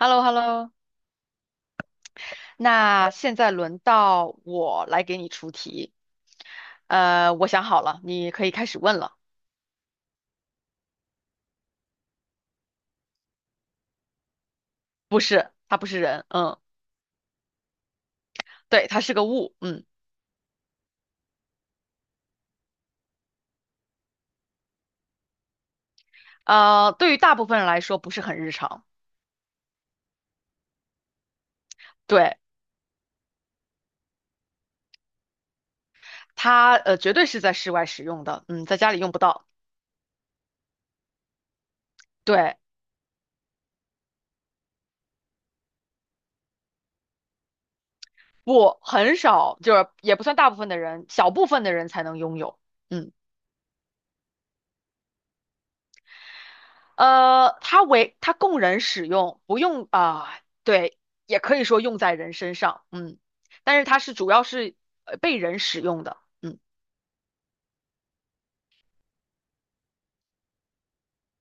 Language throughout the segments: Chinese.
h e l l o h e l l o 那现在轮到我来给你出题。我想好了，你可以开始问了。不是，它不是人，嗯，对，它是个物，嗯，对于大部分人来说不是很日常，对，它绝对是在室外使用的，嗯，在家里用不到，对，不，很少，就是也不算大部分的人，小部分的人才能拥有，嗯。它供人使用，不用啊、对，也可以说用在人身上，嗯，但是它是主要是被人使用的，嗯，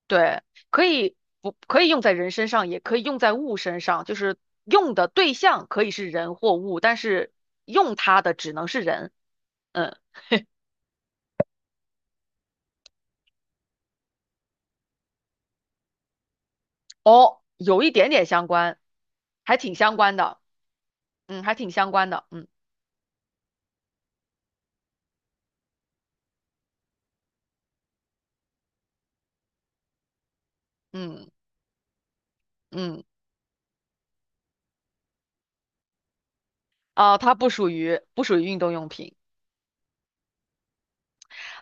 对，可以不可以用在人身上，也可以用在物身上，就是用的对象可以是人或物，但是用它的只能是人，嗯，哦，有一点点相关，还挺相关的，嗯，还挺相关的，嗯嗯，啊、它不属于运动用品。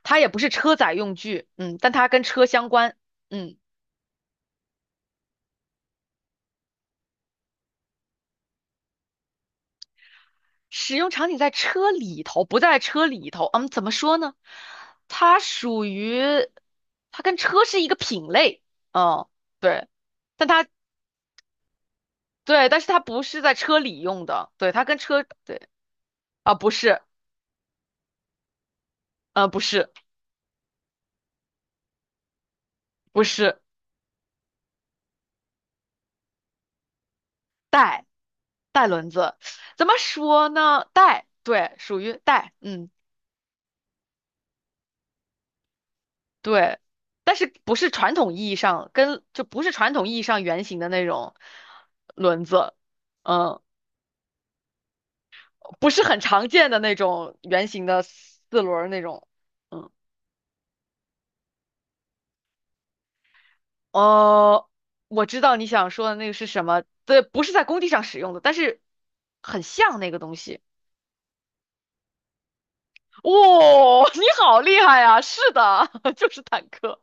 它也不是车载用具，嗯，但它跟车相关，嗯，使用场景在车里头，不在车里头，嗯，怎么说呢？它属于，它跟车是一个品类，嗯，对，但它对，但是它不是在车里用的，对，它跟车，对，啊，不是，不是，不是，带，带轮子，怎么说呢？带，对，属于带，嗯。对，但是不是传统意义上不是传统意义上圆形的那种轮子，嗯，不是很常见的那种圆形的四轮儿那种，嗯，哦，我知道你想说的那个是什么，对，不是在工地上使用的，但是很像那个东西。哇、你好厉害呀！是的，就是坦克。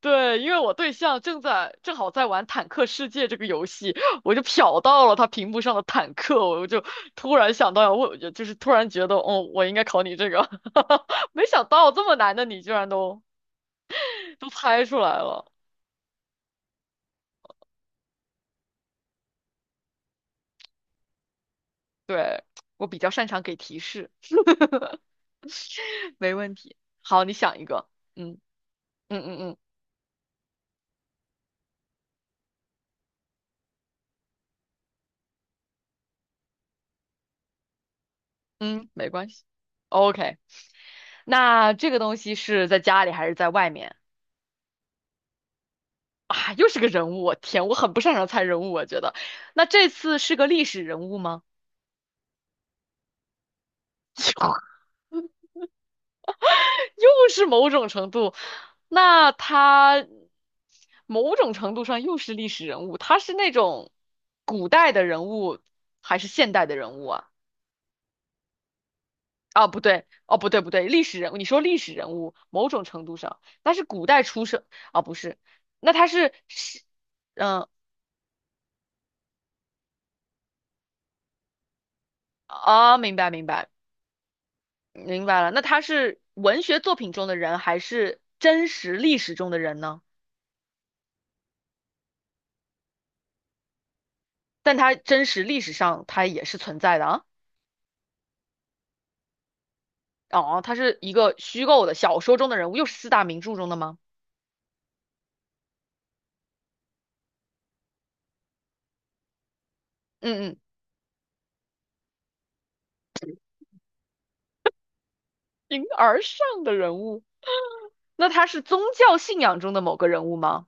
对，因为我对象正好在玩《坦克世界》这个游戏，我就瞟到了他屏幕上的坦克，我就突然想到我问，就是突然觉得，哦，我应该考你这个，没想到这么难的你居然都猜出来了。对，我比较擅长给提示，没问题。好，你想一个，嗯嗯嗯嗯。嗯，没关系。OK,那这个东西是在家里还是在外面？啊，又是个人物，我天，我很不擅长猜人物，我觉得。那这次是个历史人物吗？又是某种程度，那他某种程度上又是历史人物，他是那种古代的人物还是现代的人物啊？啊，不对，哦，不对，不对，历史人物，你说历史人物，某种程度上，那是古代出生，啊，不是，那是，嗯，啊，明白明白，明白了，那他是文学作品中的人，还是真实历史中的人呢？但他真实历史上他也是存在的啊。哦，他是一个虚构的小说中的人物，又是四大名著中的吗？嗯嗯，形而上的人物，那他是宗教信仰中的某个人物吗？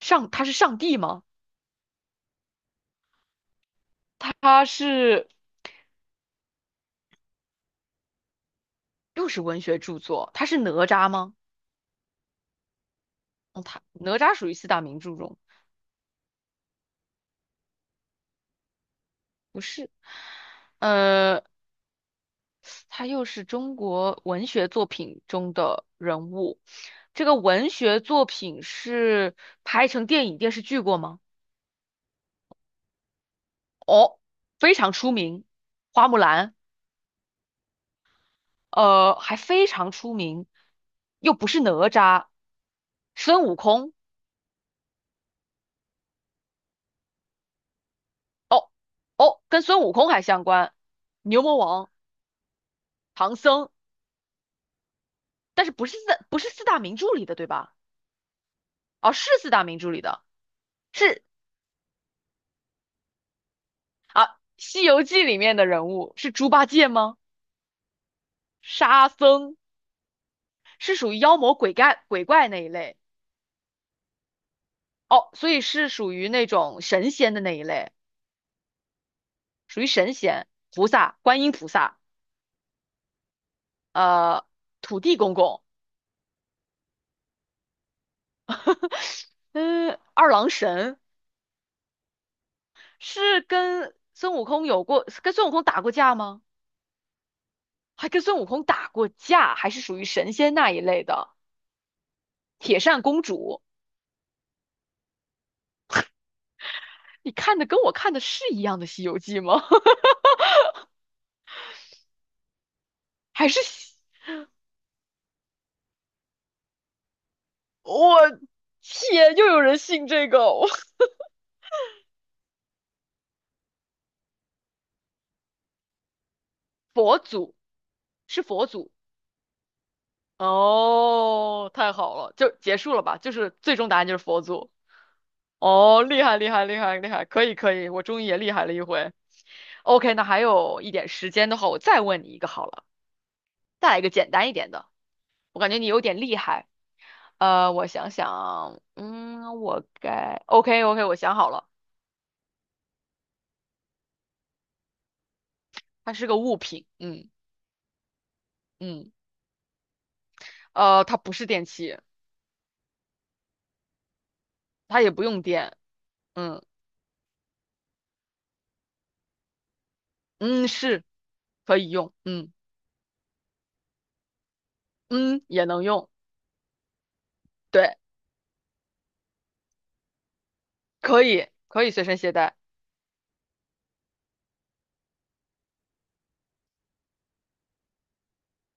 上，他是上帝吗？他是又是文学著作，他是哪吒吗？哦，他哪吒属于四大名著中，不是。呃，他又是中国文学作品中的人物。这个文学作品是拍成电影电视剧过吗？哦，非常出名，《花木兰》还非常出名，又不是哪吒，孙悟空哦哦跟孙悟空还相关，牛魔王、唐僧，但是不是四大名著里的对吧？哦，是四大名著里的，是《西游记》里面的人物，是猪八戒吗？沙僧。是属于妖魔鬼怪那一类哦，所以是属于那种神仙的那一类，属于神仙、菩萨、观音菩萨，呃，土地公公，嗯，二郎神，是跟孙悟空有过，跟孙悟空打过架吗？还跟孙悟空打过架，还是属于神仙那一类的铁扇公主？你看的跟我看的是一样的《西游记》吗？还是西我天，又有人信这个哦，佛祖是佛祖。哦，太好了，就结束了吧？就是最终答案就是佛祖。哦，厉害厉害厉害厉害，可以可以，我终于也厉害了一回。OK,那还有一点时间的话，我再问你一个好了，再来一个简单一点的。我感觉你有点厉害。我想想，嗯，OK OK,我想好了，它是个物品，嗯嗯，它不是电器，它也不用电，嗯嗯，可以用，嗯嗯，也能用。对。可以随身携带，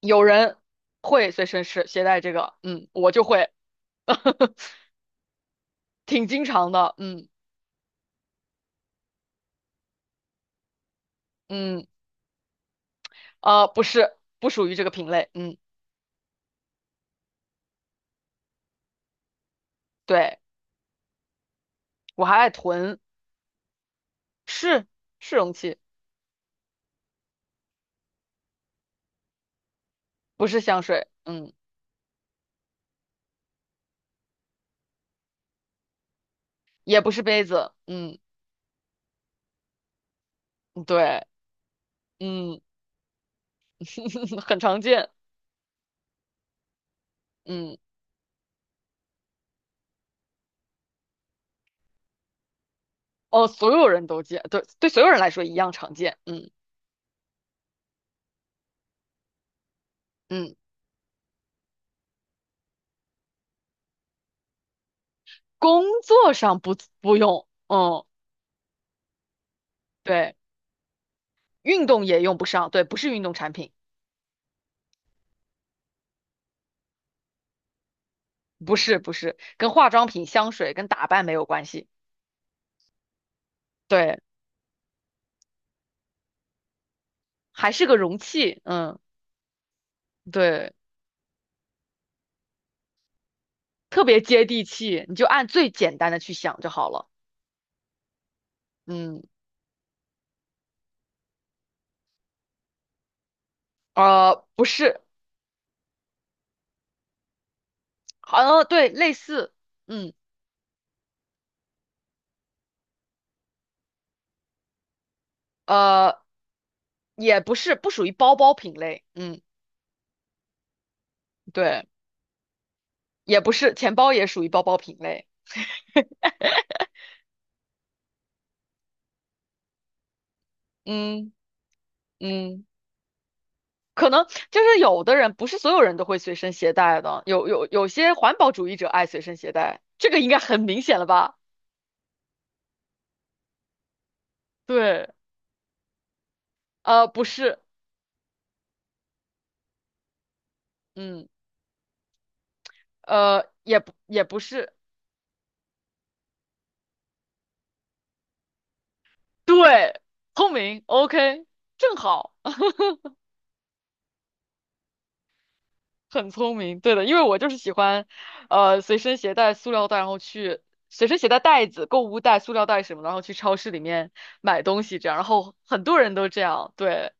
有人会随身是携带这个，嗯，我就会，挺经常的，嗯嗯，不是，不属于这个品类，嗯，对，我还爱囤，是是容器，不是香水，嗯，也不是杯子，嗯，对，嗯，很常见，嗯，哦，所有人都见，对对，所有人来说一样常见，嗯嗯，工作上不用，嗯，对，运动也用不上，对，不是运动产品。不是不是，跟化妆品、香水跟打扮没有关系，对，还是个容器，嗯，对，特别接地气，你就按最简单的去想就好了，嗯，不是，好像对，类似，嗯，呃，也不是，不属于包包品类，嗯，对，也不是，钱包也属于包包品类，嗯嗯。可能就是有的人不是所有人都会随身携带的，有些环保主义者爱随身携带，这个应该很明显了吧？对。不是，嗯，也不是，对，聪明，OK,正好，很聪明，对的，因为我就是喜欢，随身携带塑料袋，然后去随身携带袋子、购物袋、塑料袋什么的，然后去超市里面买东西，这样，然后很多人都这样，对，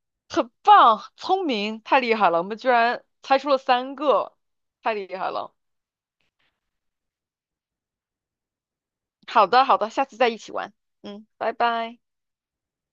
很棒，聪明，太厉害了，我们居然猜出了三个，太厉害了，好的，好的，下次再一起玩，嗯，拜拜。